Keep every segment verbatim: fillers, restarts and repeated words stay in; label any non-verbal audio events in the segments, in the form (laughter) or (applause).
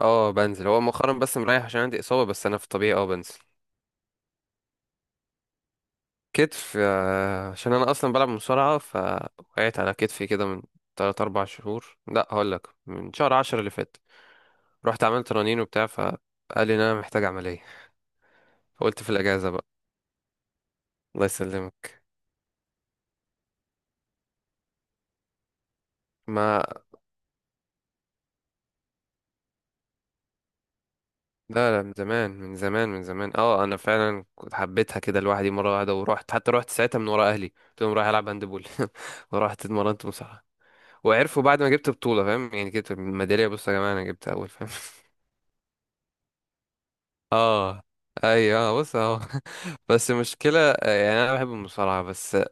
اه بنزل، هو مؤخرا بس مريح عشان عندي اصابه. بس انا في الطبيعي اه بنزل. كتف، آه، عشان انا اصلا بلعب مصارعه فوقعت على كتفي كده من ثلاثة أربعة شهور. لا، هقول لك من شهر عشرة اللي فات. رحت عملت رنين وبتاع، فقال لي ان انا محتاج عمليه. فقلت في الاجازه بقى. الله يسلمك. ما لا لا، من زمان من زمان من زمان. اه، انا فعلا كنت حبيتها كده لوحدي مره واحده ورحت، حتى رحت ساعتها من ورا اهلي قلت لهم رايح العب هاندبول. (laughs) ورحت اتمرنت مصارعه، وعرفوا بعد ما جبت بطولة، فاهم؟ يعني جبت ميدالية. بص يا جماعة، أنا جبت أول، فاهم؟ اه، ايوه، آه، بص اهو. (laughs) بس المشكلة، آه، يعني أنا بحب المصارعة بس آه،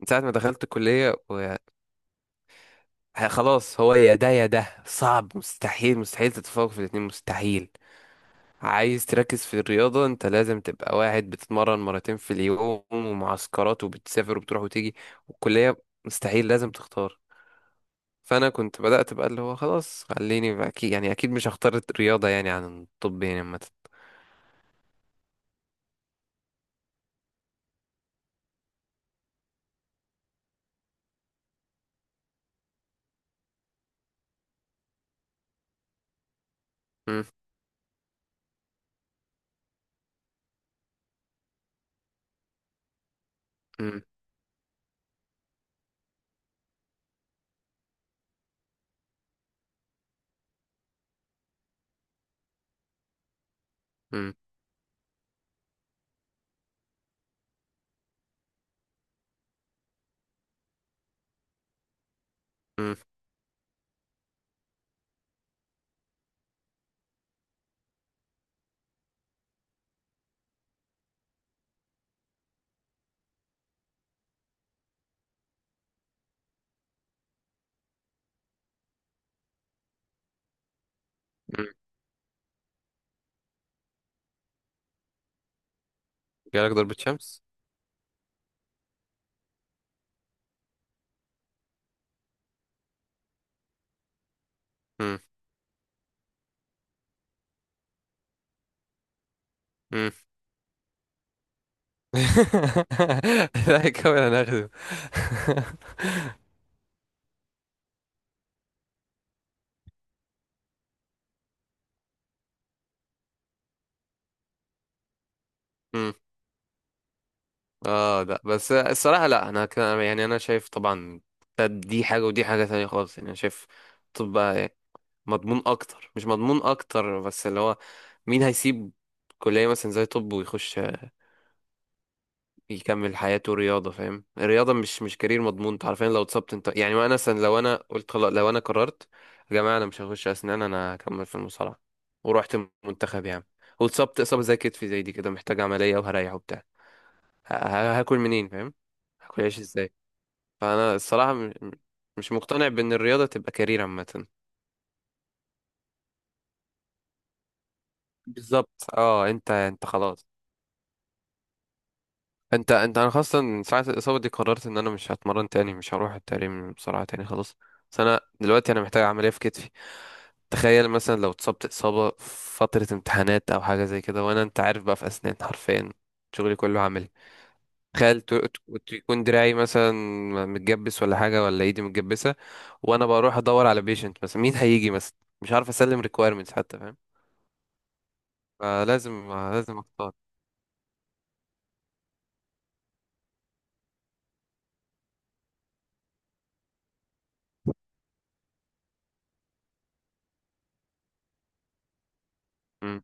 من ساعة ما دخلت الكلية و... ه- خلاص، هو يا ده يا ده. صعب، مستحيل مستحيل تتفوق في الاتنين، مستحيل. عايز تركز في الرياضة انت لازم تبقى واحد بتتمرن مرتين في اليوم، ومعسكرات، وبتسافر وبتروح وتيجي والكلية. مستحيل، لازم تختار. فانا كنت بدات بقى اللي هو خلاص خليني، اكيد يعني اكيد مش هختار الرياضه يعني عن الطب، يعني عامه. مم. مم. مم. مم. مم. جالك ضربة شمس. مم. مم. (laughs) لا، يكمل انا هاخده. (laughs) مم. اه لا، بس الصراحه لا، انا كان يعني انا شايف طبعا ده- دي حاجه ودي حاجه تانية خالص. يعني انا شايف الطب بقى مضمون اكتر، مش مضمون اكتر بس اللي هو مين هيسيب كليه مثلا زي طب ويخش يكمل حياته رياضة؟ فاهم؟ الرياضة مش مش كارير مضمون. انت عارفين لو اتصبت انت يعني، وانا مثلا لو انا قلت خلاص، لو انا قررت يا جماعة انا مش هخش اسنان، انا هكمل في المصارعة ورحت المنتخب يعني، واتصبت اصابة زي كتفي زي دي كده، محتاج عملية وهريح وبتاع، ه- ه- هاكل منين؟ فاهم؟ هاكل عيش ازاي؟ فانا الصراحة م- م- مش مقتنع بان الرياضة تبقى كارير عامة. بالظبط. اه، انت انت خلاص. انت انت انا خاصة من ساعة الإصابة دي قررت ان انا مش هتمرن تاني، مش هروح التمرين بسرعة تاني، خلاص. بس انا دلوقتي انا محتاج عملية في كتفي. تخيل مثلا لو اتصبت إصابة في فترة امتحانات او حاجة زي كده، وانا انت عارف بقى في اسنان حرفيا شغلي كله عملي. تخيل ت- ت- يكون دراعي مثلا متجبس ولا حاجة، ولا ايدي متجبسة، وانا بروح ادور على بيشنت مثلا، مين هيجي مثلا، مش عارف اسلم ريكويرمنتس حتى، فاهم؟ فلازم، لازم اختار. امم،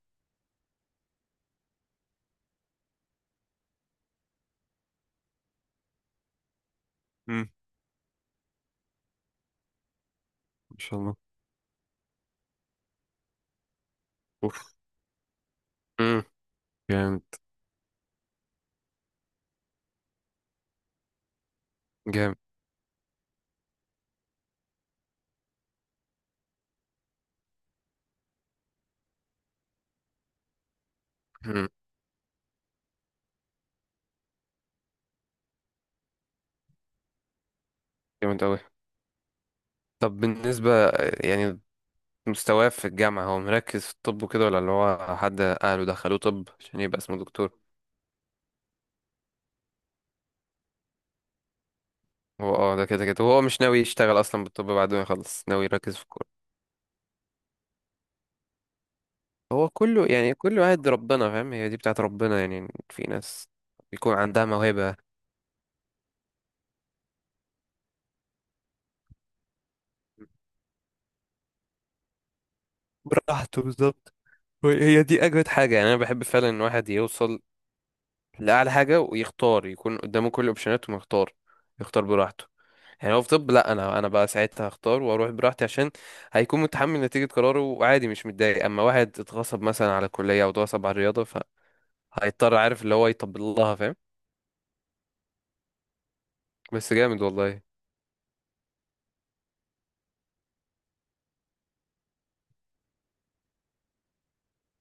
ان شاء الله. اوف. امم. جامد. جامد. جامد أوي. طب بالنسبة يعني مستواه في الجامعة، هو مركز في الطب وكده ولا اللي هو حد أهله دخلوه طب عشان يبقى اسمه دكتور؟ هو اه ده كده كده هو مش ناوي يشتغل أصلا بالطب بعد ما يخلص، ناوي يركز في الكورة. هو كله يعني كله قاعد ربنا، فاهم؟ هي دي بتاعت ربنا يعني، في ناس بيكون عندها موهبة. براحته، بالظبط. هي دي أجمد حاجة، يعني أنا بحب فعلا إن واحد يوصل لأعلى حاجة ويختار، يكون قدامه كل الأوبشنات وما يختار، يختار براحته. يعني هو في طب، لا انا انا بقى ساعتها هختار واروح براحتي، عشان هيكون متحمل نتيجة قراره وعادي مش متضايق. اما واحد اتغصب مثلا على الكلية او اتغصب على الرياضة فهيضطر، عارف اللي هو، يطبل لها، فاهم؟ بس جامد والله.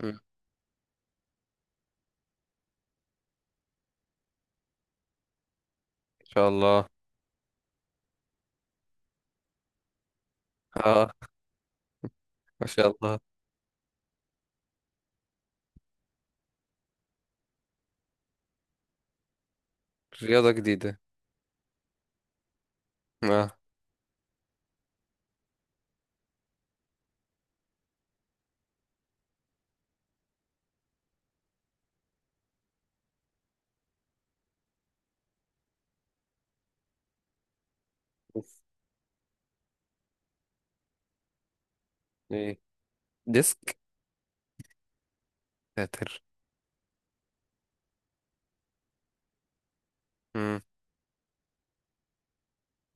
مم. ان شاء الله. اه. ما شاء الله. رياضة جديدة. اه. اوف. ايه. ديسك. ساتر. مم.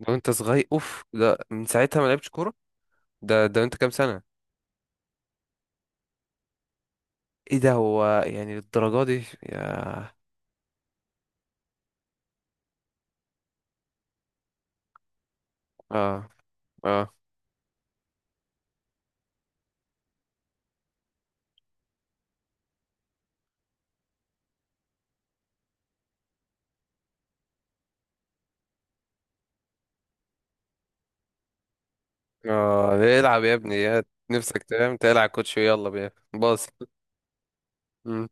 لو انت صغير. اوف، ده من ساعتها ما لعبتش كورة؟ ده ده انت كام سنة؟ ايه ده، هو يعني للدرجة دي يا...؟ اه. اه. اه. العب يا ابني، يا نفسك تنام تلعب، كوتش يلا بيا باص. مم.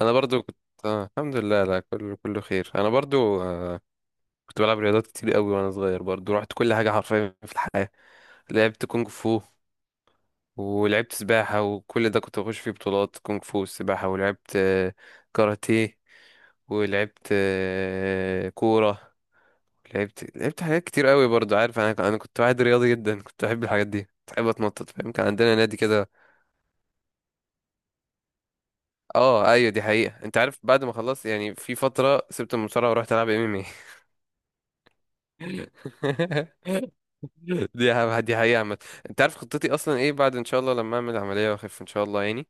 انا برضو كنت آه. الحمد لله، لا كله كله خير. انا برضو آه. كنت بلعب رياضات كتير قوي وانا صغير برضو، رحت كل حاجه حرفيا في الحياه. لعبت كونغ فو، ولعبت سباحه، وكل ده كنت بخش فيه بطولات كونغ فو والسباحه. ولعبت آه، كاراتيه، ولعبت آه، كوره. لعبت لعبت حاجات كتير قوي برضو. عارف، انا انا كنت واحد رياضي جدا، كنت بحب الحاجات دي، كنت بحب اتنطط، فاهم؟ كان عندنا نادي كده. اه، ايوه، دي حقيقة. انت عارف بعد ما خلصت يعني، في فترة سبت المصارعة ورحت العب ام ام. ايه؟ (laughs) دي ح- دي حقيقة عامة. انت عارف خطتي اصلا ايه بعد ان شاء الله لما اعمل عملية واخف ان شاء الله يعني.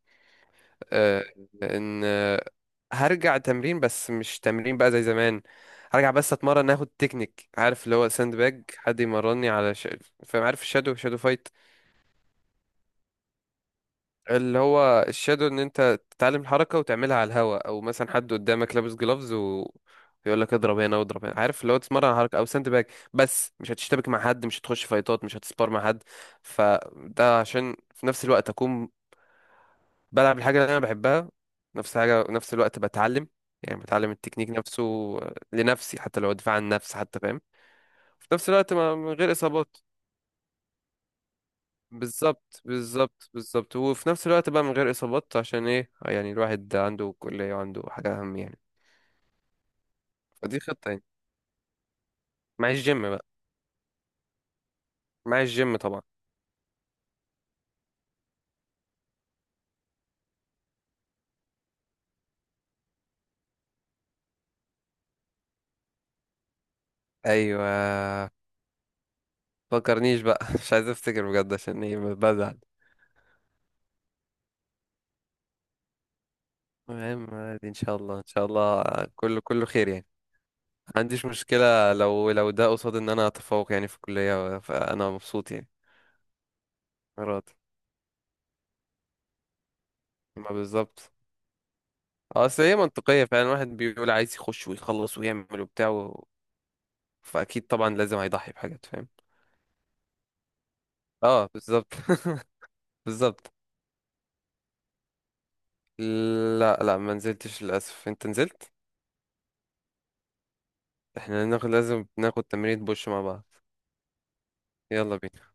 آه. ان آه، هرجع تمرين، بس مش تمرين بقى زي زمان. هرجع بس اتمرن، اخد تكنيك، عارف اللي هو ساند باج، حد يمرني على ش... فاهم؟ عارف الشادو، شادو فايت؟ اللي هو الشادو ان انت تتعلم الحركه وتعملها على الهوا، او مثلا حد قدامك لابس جلافز و يقول لك اضرب هنا واضرب هنا، عارف اللي هو تتمرن على حركه، او ساند باك، بس مش هتشتبك مع حد، مش هتخش فايتات، مش هتسبار مع حد. فده عشان في نفس الوقت اكون بلعب الحاجه اللي انا بحبها، نفس حاجه نفس الوقت بتعلم، يعني بتعلم التكنيك نفسه لنفسي، حتى لو دفاع عن النفس حتى، فاهم؟ في نفس الوقت ما، من غير اصابات. بالظبط بالظبط بالظبط. وفي نفس الوقت بقى من غير اصابات، عشان ايه يعني؟ الواحد عنده كلية وعنده حاجة اهم يعني. فدي خطة يعني. مع الجيم بقى. مع الجيم طبعا. ايوه. فكرنيش بقى. (laughs) مش عايز افتكر بجد، عشان ايه، بزعل. المهم عادي، ان شاء الله، ان شاء الله. كله كله خير يعني. ما عنديش مشكلة لو لو ده قصاد ان انا اتفوق يعني في الكلية، فانا مبسوط يعني، راضي. ما بالظبط. اه، اصل هي منطقية فعلا. الواحد بيقول عايز يخش ويخلص ويعمل وبتاع، فاكيد طبعا لازم هيضحي بحاجات، فاهم؟ اه، بالظبط. (laughs) بالظبط. لا لا، ما نزلتش للاسف. انت نزلت؟ احنا ناخد، لازم ناخد تمرين بوش مع بعض. يلا بينا.